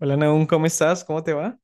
Hola Nahum, ¿cómo estás? ¿Cómo te va?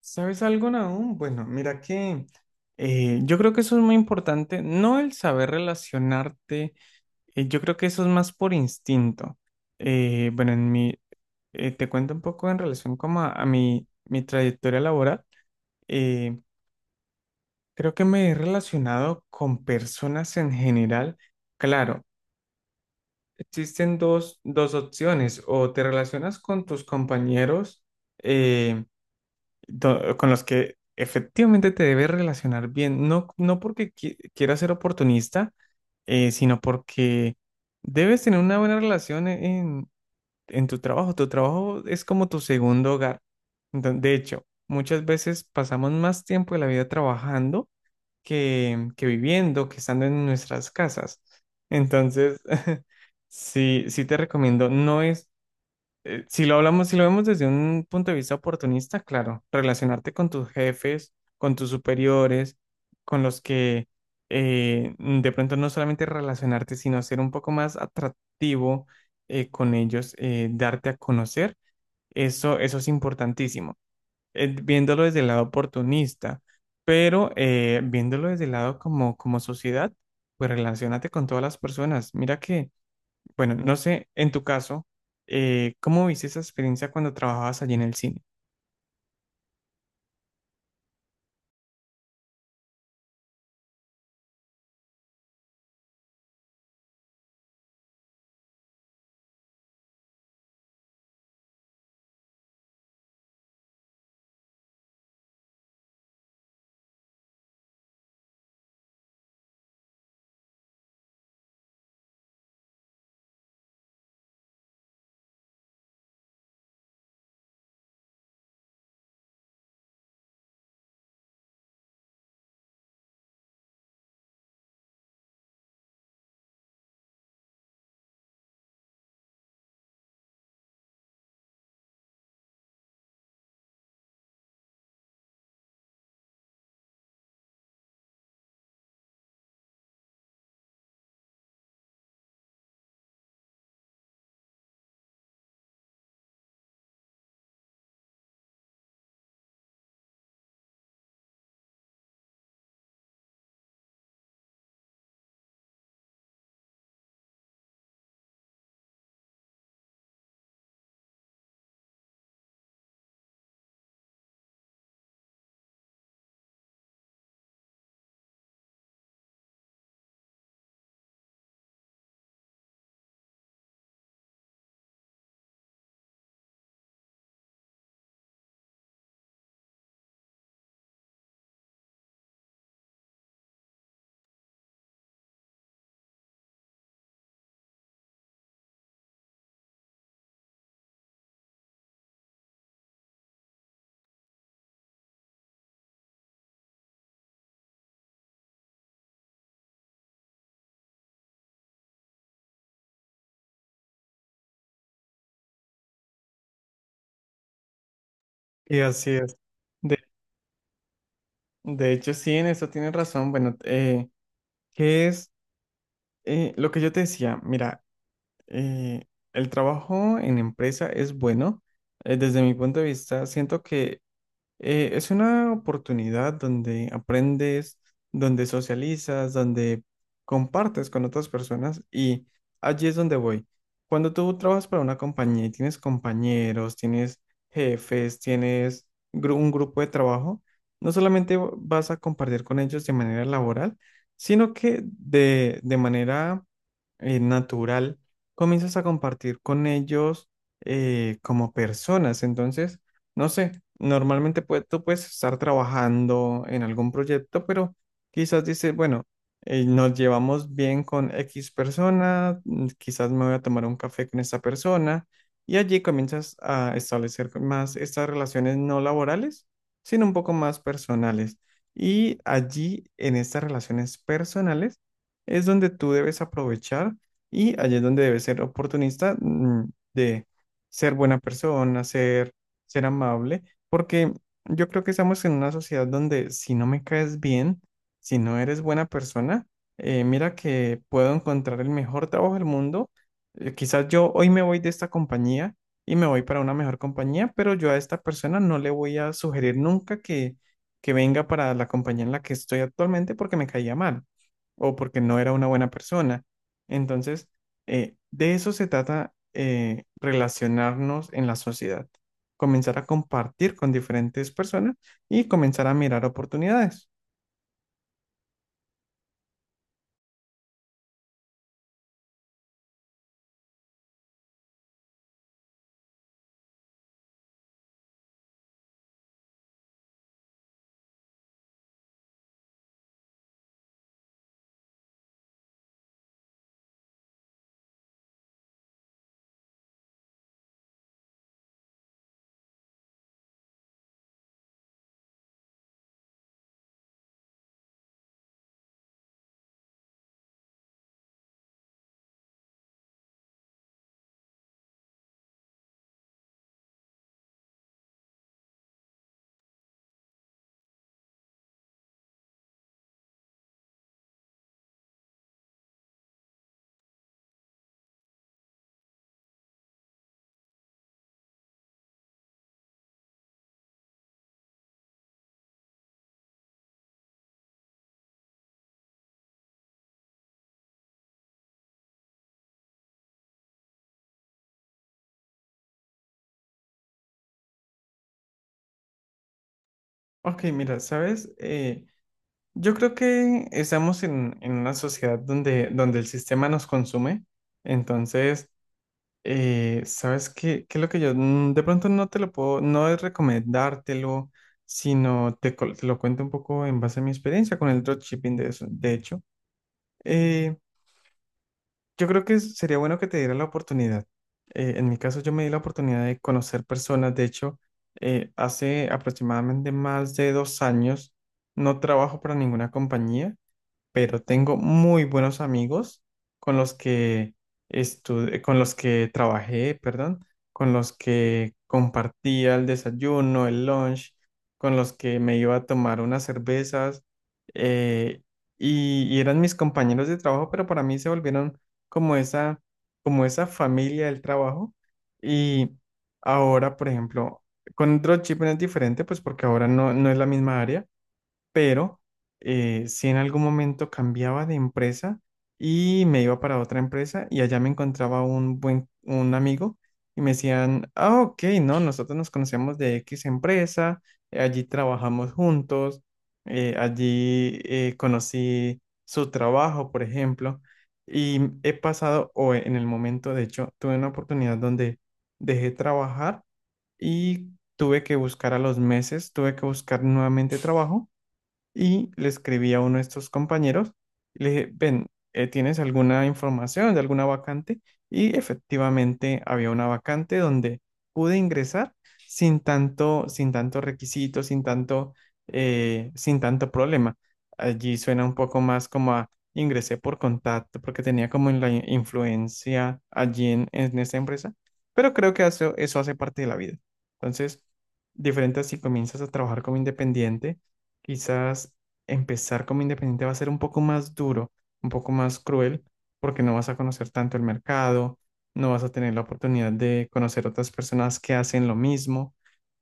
¿Sabes algo, Nahum? Bueno, mira que yo creo que eso es muy importante, no el saber relacionarte, yo creo que eso es más por instinto. Bueno, te cuento un poco en relación como a mi trayectoria laboral. Eh, Creo que me he relacionado con personas en general. Claro, existen dos opciones, o te relacionas con tus compañeros, eh, con los que efectivamente te debes relacionar bien, no porque quieras ser oportunista, sino porque debes tener una buena relación en tu trabajo. Tu trabajo es como tu segundo hogar. De hecho, muchas veces pasamos más tiempo de la vida trabajando que viviendo, que estando en nuestras casas. Entonces, sí, sí te recomiendo. No es Si lo hablamos, si lo vemos desde un punto de vista oportunista, claro, relacionarte con tus jefes, con tus superiores, con los que de pronto no solamente relacionarte, sino ser un poco más atractivo con ellos, darte a conocer, eso es importantísimo. Viéndolo desde el lado oportunista, pero viéndolo desde el lado como sociedad, pues relacionate con todas las personas. Mira que bueno, no sé, en tu caso, ¿cómo viste esa experiencia cuando trabajabas allí en el cine? Y así es. De, de hecho, sí, en eso tienes razón. Bueno, ¿qué es lo que yo te decía? Mira, eh, el trabajo en empresa es bueno. Desde mi punto de vista, siento que es una oportunidad donde aprendes, donde socializas, donde compartes con otras personas y allí es donde voy. Cuando tú trabajas para una compañía y tienes compañeros, tienes jefes, tienes un grupo de trabajo, no solamente vas a compartir con ellos de manera laboral, sino que de manera natural comienzas a compartir con ellos como personas. Entonces, no sé, normalmente tú puedes estar trabajando en algún proyecto, pero quizás dices, bueno, nos llevamos bien con X persona, quizás me voy a tomar un café con esta persona, y allí comienzas a establecer más estas relaciones no laborales, sino un poco más personales. Y allí, en estas relaciones personales, es donde tú debes aprovechar y allí es donde debes ser oportunista, de ser buena persona, ser amable, porque yo creo que estamos en una sociedad donde si no me caes bien, si no eres buena persona, mira que puedo encontrar el mejor trabajo del mundo. Quizás yo hoy me voy de esta compañía y me voy para una mejor compañía, pero yo a esta persona no le voy a sugerir nunca que venga para la compañía en la que estoy actualmente porque me caía mal o porque no era una buena persona. Entonces, de eso se trata relacionarnos en la sociedad, comenzar a compartir con diferentes personas y comenzar a mirar oportunidades. Ok, mira, sabes. Yo creo que estamos en una sociedad donde el sistema nos consume. Entonces, sabes qué, qué es lo que yo, de pronto no te lo puedo, no es recomendártelo, sino te lo cuento un poco en base a mi experiencia con el dropshipping de eso. De hecho, Eh, yo creo que sería bueno que te dieran la oportunidad. En mi caso, yo me di la oportunidad de conocer personas. De hecho, hace aproximadamente más de dos años no trabajo para ninguna compañía, pero tengo muy buenos amigos con los que estuve, con los que trabajé, perdón, con los que compartía el desayuno, el lunch, con los que me iba a tomar unas cervezas, eh, y eran mis compañeros de trabajo, pero para mí se volvieron como esa, como esa familia del trabajo. Y ahora, por ejemplo, con dropshipping es diferente, pues porque ahora no es la misma área, pero sí, en algún momento cambiaba de empresa y me iba para otra empresa y allá me encontraba un buen un amigo y me decían, ah, ok, no, nosotros nos conocemos de X empresa, allí trabajamos juntos, allí conocí su trabajo, por ejemplo, y he pasado, o en el momento, de hecho, tuve una oportunidad donde dejé trabajar y tuve que buscar a los meses, tuve que buscar nuevamente trabajo y le escribí a uno de estos compañeros y le dije, ven, ¿tienes alguna información de alguna vacante? Y efectivamente había una vacante donde pude ingresar sin tanto requisito, sin tanto problema. Allí suena un poco más como a ingresé por contacto porque tenía como la influencia allí en esta empresa, pero creo que eso hace parte de la vida. Entonces, diferente si comienzas a trabajar como independiente, quizás empezar como independiente va a ser un poco más duro, un poco más cruel, porque no vas a conocer tanto el mercado, no vas a tener la oportunidad de conocer otras personas que hacen lo mismo.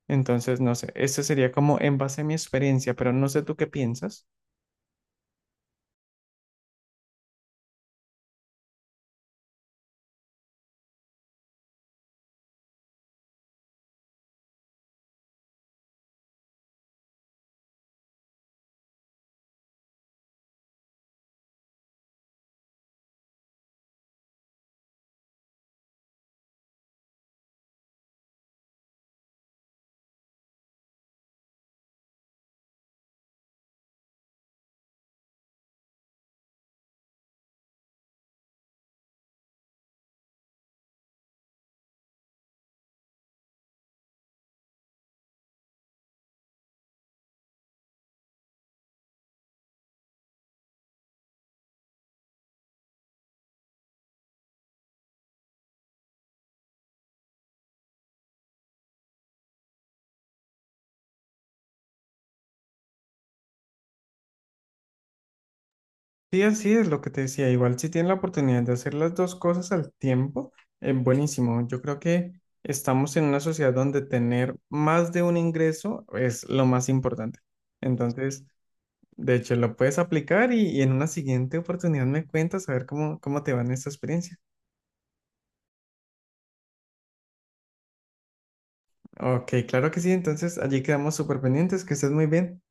Entonces, no sé, eso sería como en base a mi experiencia, pero no sé tú qué piensas. Sí, así es lo que te decía. Igual si tienes la oportunidad de hacer las dos cosas al tiempo, es buenísimo. Yo creo que estamos en una sociedad donde tener más de un ingreso es lo más importante. Entonces, de hecho, lo puedes aplicar y en una siguiente oportunidad me cuentas a ver cómo, cómo te va en esta experiencia. Ok, claro que sí. Entonces, allí quedamos súper pendientes. Que estés muy bien.